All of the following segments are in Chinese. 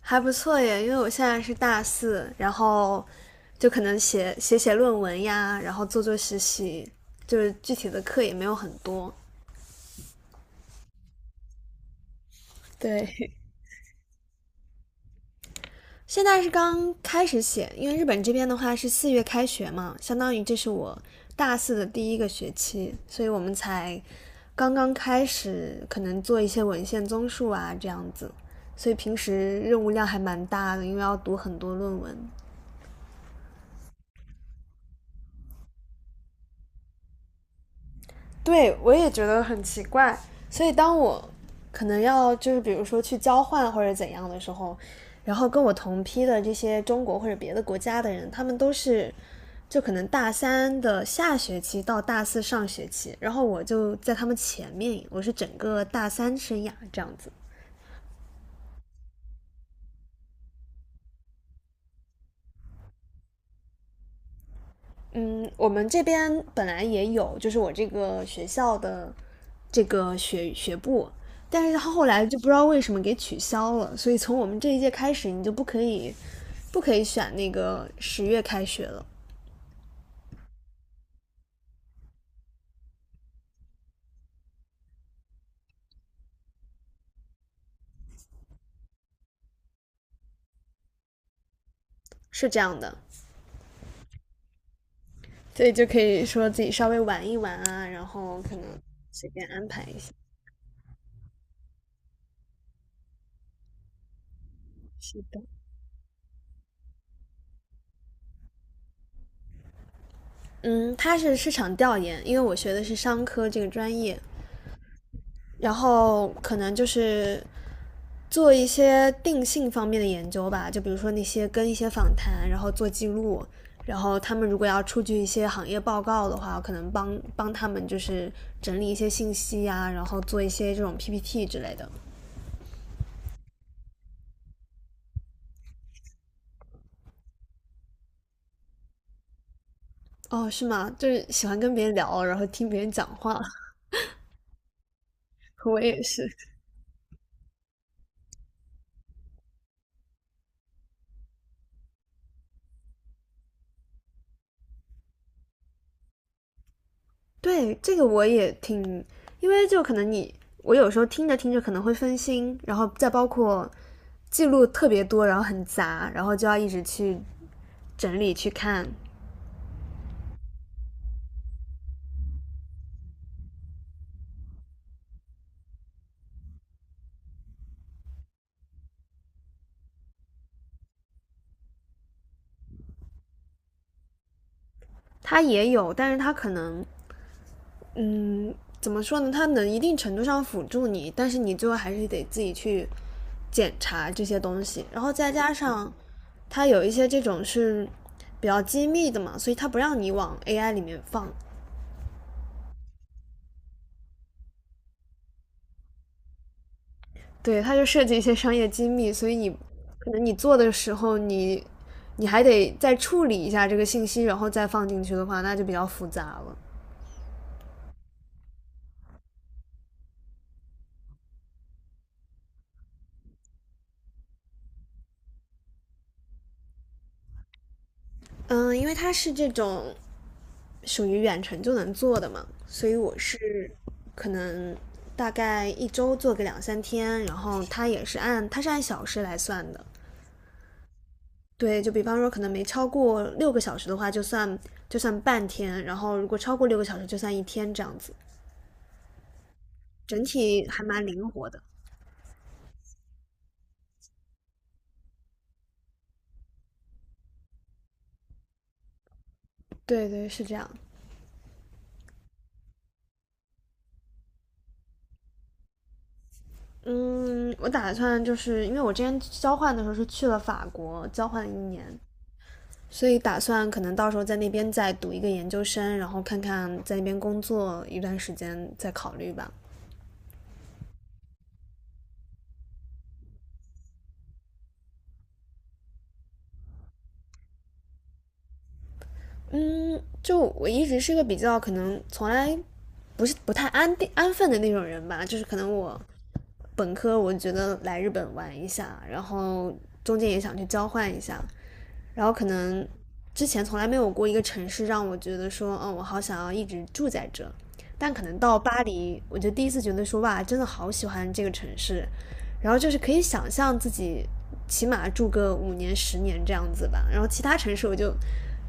还不错耶，因为我现在是大四，然后就可能写写论文呀，然后做做实习，就是具体的课也没有很多。对，现在是刚开始写，因为日本这边的话是4月开学嘛，相当于这是我大四的第一个学期，所以我们才刚刚开始，可能做一些文献综述啊这样子，所以平时任务量还蛮大的，因为要读很多论文。对我也觉得很奇怪。所以当我可能要就是比如说去交换或者怎样的时候，然后跟我同批的这些中国或者别的国家的人，他们都是就可能大三的下学期到大四上学期，然后我就在他们前面，我是整个大三生涯这样子。嗯，我们这边本来也有，就是我这个学校的这个学部，但是他后来就不知道为什么给取消了，所以从我们这一届开始，你就不可以选那个10月开学了，是这样的，所以就可以说自己稍微玩一玩啊，然后可能随便安排一下。是的，嗯，他是市场调研，因为我学的是商科这个专业，然后可能就是做一些定性方面的研究吧，就比如说那些跟一些访谈，然后做记录，然后他们如果要出具一些行业报告的话，可能帮帮他们就是整理一些信息呀、然后做一些这种 PPT 之类的。哦，是吗？就是喜欢跟别人聊，然后听别人讲话，我也是。对，这个我也挺，因为就可能你，我有时候听着听着可能会分心，然后再包括记录特别多，然后很杂，然后就要一直去整理去看。它也有，但是它可能，嗯，怎么说呢？它能一定程度上辅助你，但是你最后还是得自己去检查这些东西。然后再加上它有一些这种是比较机密的嘛，所以它不让你往 AI 里面放，对，它就涉及一些商业机密，所以你可能你做的时候你，你还得再处理一下这个信息，然后再放进去的话，那就比较复杂了。嗯，因为它是这种属于远程就能做的嘛，所以我是可能大概一周做个两三天，然后它也是按它是按小时来算的。对，就比方说可能没超过六个小时的话，就算就算半天，然后如果超过六个小时，就算一天这样子，整体还蛮灵活的。对对，是这样。嗯，我打算就是因为我之前交换的时候是去了法国交换了1年，所以打算可能到时候在那边再读一个研究生，然后看看在那边工作一段时间再考虑吧。嗯，就我一直是个比较可能从来不太安定安分的那种人吧，就是可能我本科我觉得来日本玩一下，然后中间也想去交换一下，然后可能之前从来没有过一个城市让我觉得说，嗯，我好想要一直住在这。但可能到巴黎，我就第一次觉得说，哇，真的好喜欢这个城市。然后就是可以想象自己起码住个5年、10年这样子吧。然后其他城市我就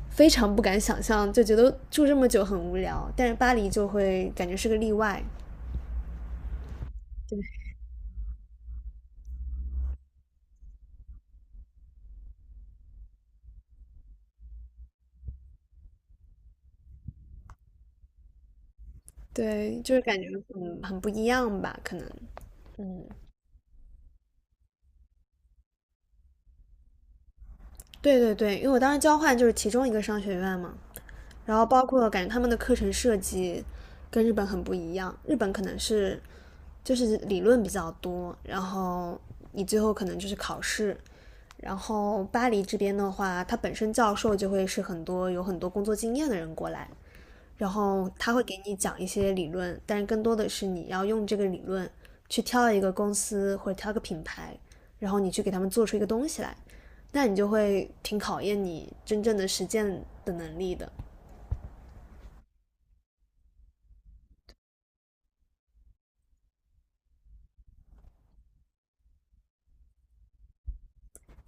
非常不敢想象，就觉得住这么久很无聊。但是巴黎就会感觉是个例外，对，就是感觉很不一样吧，可能。嗯，对对对，因为我当时交换就是其中一个商学院嘛，然后包括感觉他们的课程设计跟日本很不一样，日本可能是就是理论比较多，然后你最后可能就是考试。然后巴黎这边的话，他本身教授就会是很多有很多工作经验的人过来，然后他会给你讲一些理论，但是更多的是你要用这个理论去挑一个公司或者挑个品牌，然后你去给他们做出一个东西来，那你就会挺考验你真正的实践的能力的。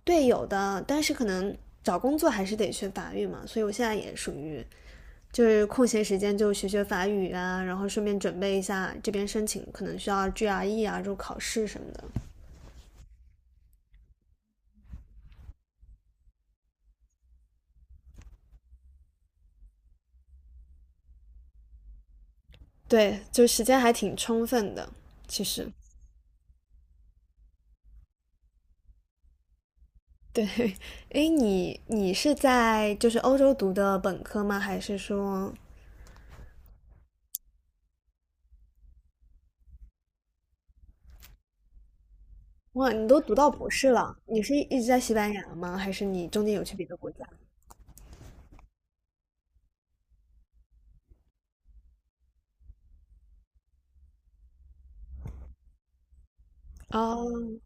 对，有的，但是可能找工作还是得学法语嘛，所以我现在也属于就是空闲时间就学学法语啊，然后顺便准备一下这边申请可能需要 GRE 啊这种考试什么的。对，就时间还挺充分的，其实。对，哎，你是在就是欧洲读的本科吗？还是说，哇，你都读到博士了？你是一直在西班牙吗？还是你中间有去别的国家？哦，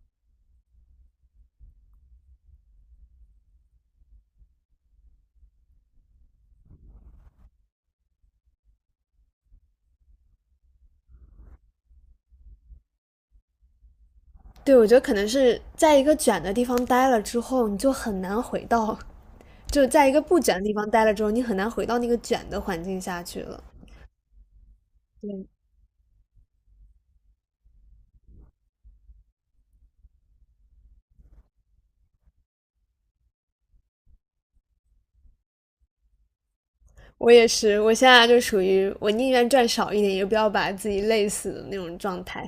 对，我觉得可能是在一个卷的地方待了之后，你就很难回到，就在一个不卷的地方待了之后，你很难回到那个卷的环境下去了。我也是，我现在就属于我宁愿赚少一点，也不要把自己累死的那种状态。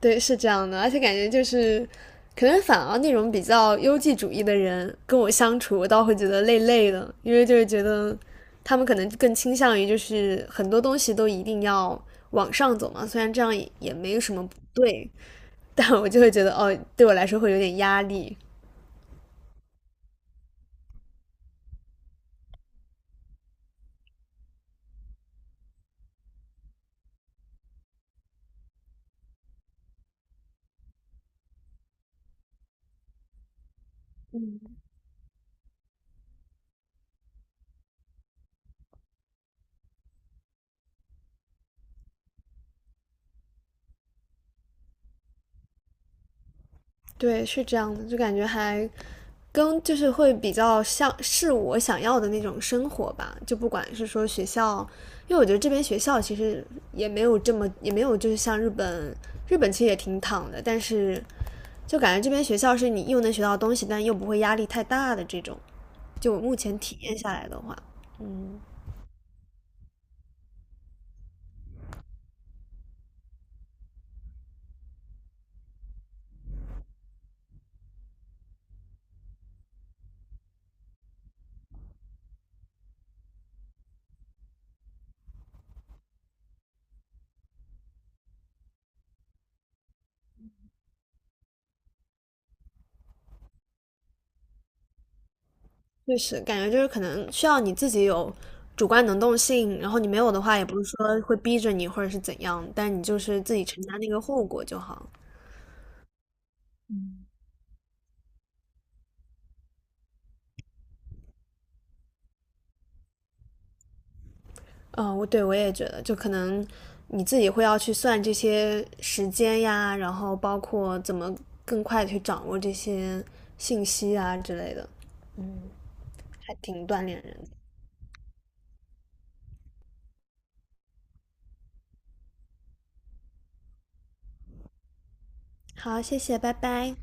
对，是这样的，而且感觉就是，可能反而那种比较优绩主义的人跟我相处，我倒会觉得累累的，因为就是觉得他们可能更倾向于就是很多东西都一定要往上走嘛，虽然这样也没有什么不对，但我就会觉得哦，对我来说会有点压力。对，是这样的，就感觉还跟就是会比较像是我想要的那种生活吧，就不管是说学校，因为我觉得这边学校其实也没有这么也没有就是像日本，日本其实也挺躺的，但是就感觉这边学校是你又能学到东西，但又不会压力太大的这种，就我目前体验下来的话，嗯。确实，感觉就是可能需要你自己有主观能动性，然后你没有的话，也不是说会逼着你或者是怎样，但你就是自己承担那个后果就好。嗯，我对我也觉得，就可能你自己会要去算这些时间呀，然后包括怎么更快地去掌握这些信息啊之类的，还挺锻炼人的。好，谢谢，拜拜。